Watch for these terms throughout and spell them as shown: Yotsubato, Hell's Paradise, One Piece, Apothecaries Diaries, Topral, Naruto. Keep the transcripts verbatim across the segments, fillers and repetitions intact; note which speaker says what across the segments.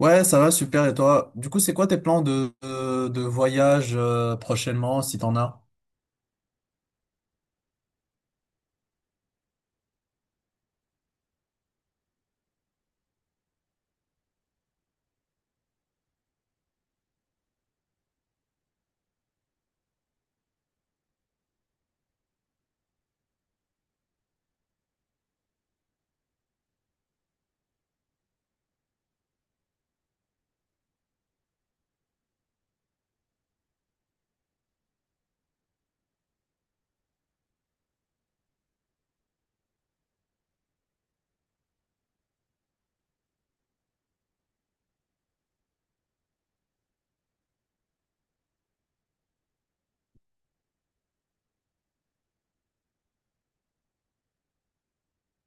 Speaker 1: Ouais, ça va, super. Et toi? Du coup, c'est quoi tes plans de, de, de voyage, euh, prochainement, si t'en as?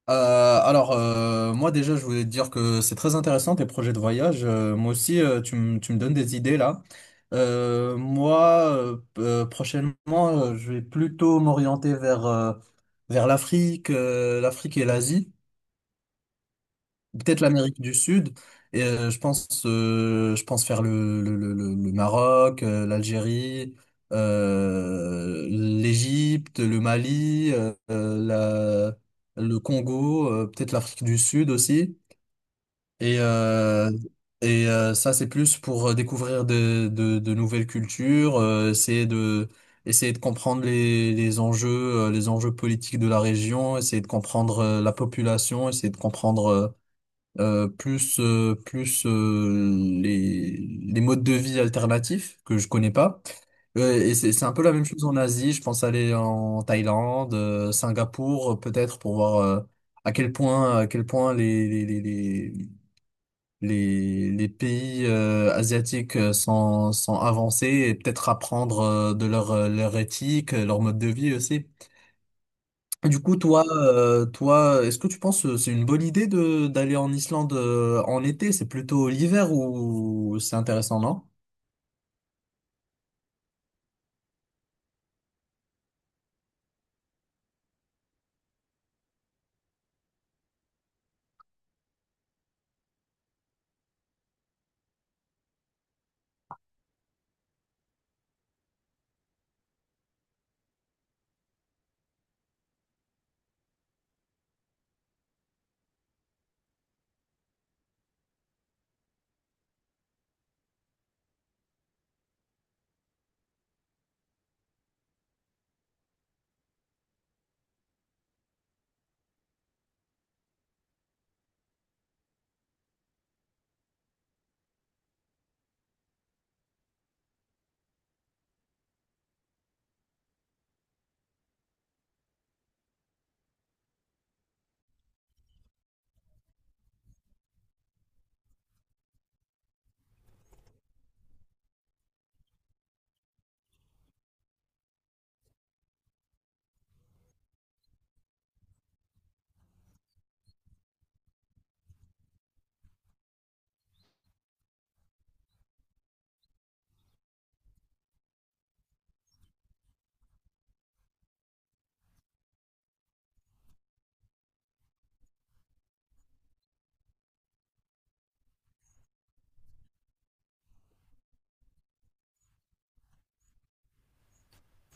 Speaker 1: Euh, alors, euh, moi déjà, je voulais te dire que c'est très intéressant tes projets de voyage. Euh, moi aussi, euh, tu me tu me donnes des idées là. Euh, moi, euh, euh, prochainement, euh, je vais plutôt m'orienter vers, euh, vers l'Afrique, euh, l'Afrique et l'Asie. Peut-être l'Amérique du Sud. Et euh, je pense, euh, je pense faire le, le, le, le le Maroc, euh, l'Algérie, euh, l'Égypte, le Mali, euh, euh, la, le Congo, euh, peut-être l'Afrique du Sud aussi. Et, euh, et euh, Ça, c'est plus pour découvrir de, de, de nouvelles cultures, euh, essayer de, essayer de comprendre les, les enjeux, euh, les enjeux politiques de la région, essayer de comprendre euh, la population, essayer de comprendre euh, euh, plus euh, plus euh, les, les modes de vie alternatifs que je connais pas. Euh, et c'est c'est un peu la même chose en Asie. Je pense aller en Thaïlande, euh, Singapour, euh, peut-être pour voir, euh, à quel point à quel point les les les les les, les pays euh, asiatiques euh, sont sont avancés et peut-être apprendre euh, de leur euh, leur éthique, euh, leur mode de vie aussi. Du coup, toi, euh, toi, est-ce que tu penses que c'est une bonne idée de d'aller en Islande, euh, en été? C'est plutôt l'hiver ou c'est intéressant, non?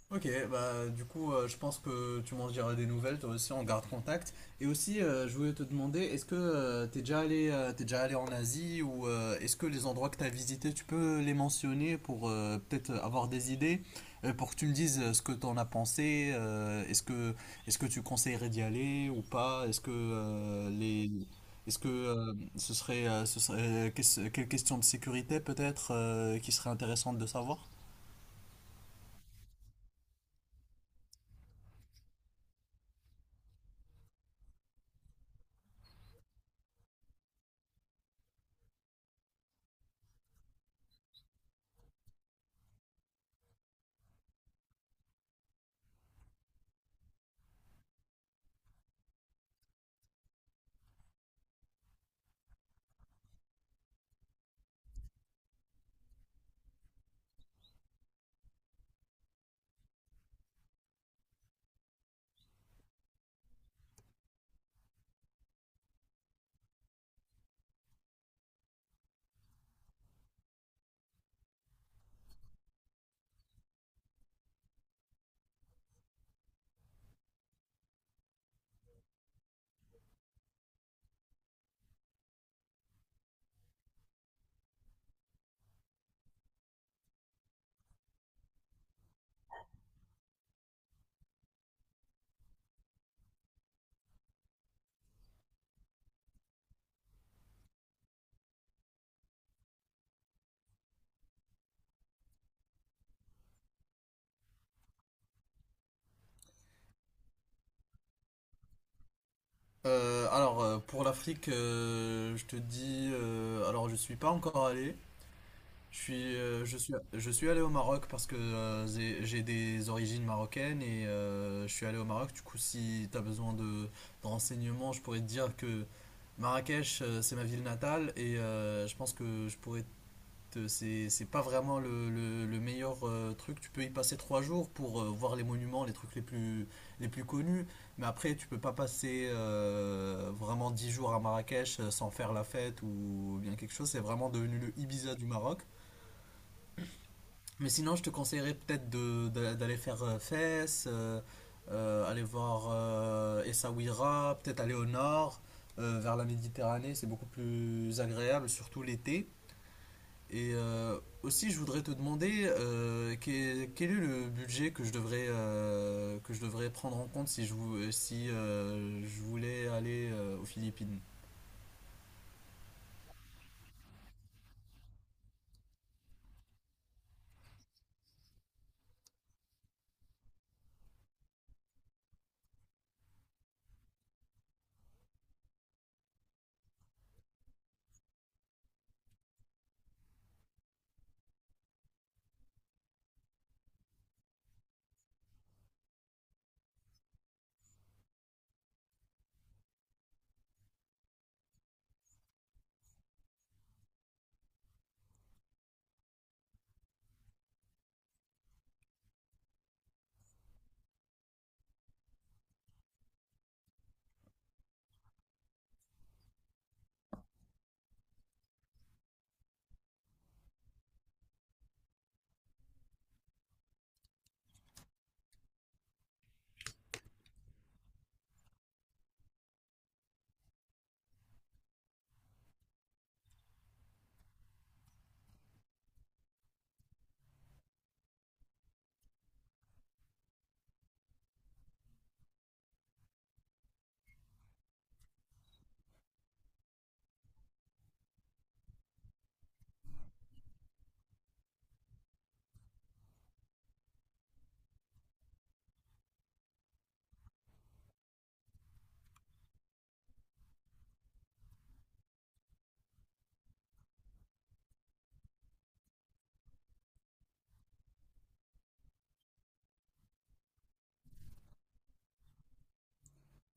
Speaker 1: Ok, bah du coup, euh, je pense que tu m'en diras des nouvelles, toi aussi, on garde contact. Et aussi, euh, je voulais te demander, est-ce que tu t'es déjà allé, euh, t'es déjà allé en Asie, ou euh, est-ce que les endroits que t'as visités, tu peux les mentionner pour euh, peut-être avoir des idées, euh, pour que tu me dises euh, ce que t'en as pensé, euh, est-ce que, est-ce que tu conseillerais d'y aller ou pas, est-ce que euh, les, est-ce que euh, ce serait, euh, ce serait, euh, qu'est-ce- quelle question de sécurité peut-être euh, qui serait intéressante de savoir? Euh, alors, euh, pour l'Afrique, euh, je te dis, euh, alors je suis pas encore allé. Je suis, euh, je suis, je suis allé au Maroc parce que euh, j'ai j'ai des origines marocaines et euh, je suis allé au Maroc. Du coup, si tu as besoin de, de renseignements, je pourrais te dire que Marrakech, euh, c'est ma ville natale et euh, je pense que je pourrais, c'est c'est pas vraiment le, le- le meilleur euh, truc. Tu peux y passer trois jours pour euh, voir les monuments, les trucs les plus, les plus connus, mais après tu peux pas passer euh, vraiment dix jours à Marrakech euh, sans faire la fête ou bien quelque chose. C'est vraiment devenu le Ibiza du Maroc. Mais sinon, je te conseillerais peut-être de, d'a- d'aller faire, euh, Fès, euh, euh, aller voir euh, Essaouira, peut-être aller au nord, euh, vers la Méditerranée, c'est beaucoup plus agréable, surtout l'été. Et euh, aussi, je voudrais te demander, euh, quel, quel est le budget que je devrais, euh, que je devrais prendre en compte si je, vou- si, euh, je voulais aller euh, aux Philippines.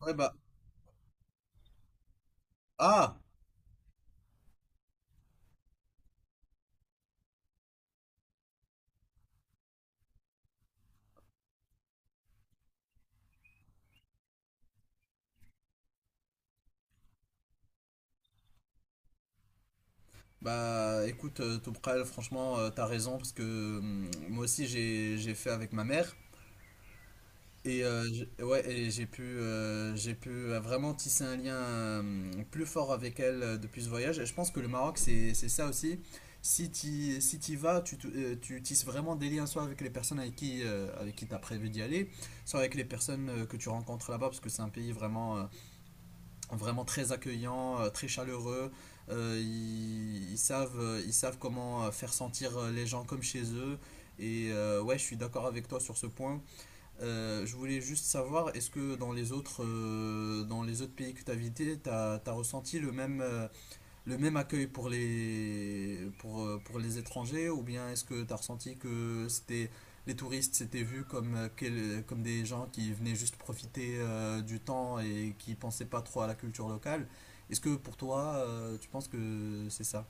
Speaker 1: Ouais, bah. Ah! Bah écoute, euh, Topral, franchement, euh, t'as raison, parce que hum, moi aussi j'ai j'ai fait avec ma mère. Et euh, j'ai- ouais, et j'ai pu, euh, j'ai pu euh, vraiment tisser un lien, euh, plus fort avec elle euh, depuis ce voyage. Et je pense que le Maroc, c'est, c'est ça aussi. Si tu si t'y vas, tu, te- euh, tu tisses vraiment des liens, soit avec les personnes avec qui, euh, avec qui tu as prévu d'y aller, soit avec les personnes euh, que tu rencontres là-bas, parce que c'est un pays vraiment, euh, vraiment très accueillant, euh, très chaleureux. Euh, ils, ils savent, euh, ils savent comment euh, faire sentir euh, les gens comme chez eux. Et euh, ouais, je suis d'accord avec toi sur ce point. Euh, je voulais juste savoir, est-ce que dans les autres, euh, dans les autres pays que tu as visités, tu as ressenti le même, euh, le même accueil pour les, pour, euh, pour les étrangers, ou bien est-ce que tu as ressenti que c'était, les touristes s'étaient vus comme, euh, quel- comme des gens qui venaient juste profiter euh, du temps et qui pensaient pas trop à la culture locale? Est-ce que pour toi, euh, tu penses que c'est ça?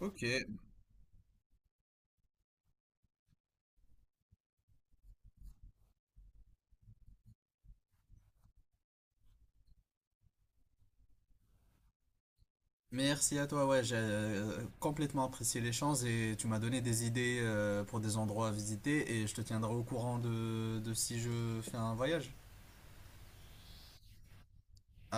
Speaker 1: Ok, merci à toi, ouais, j'ai euh, complètement apprécié l'échange et tu m'as donné des idées euh, pour des endroits à visiter et je te tiendrai au courant de, de si je fais un voyage. À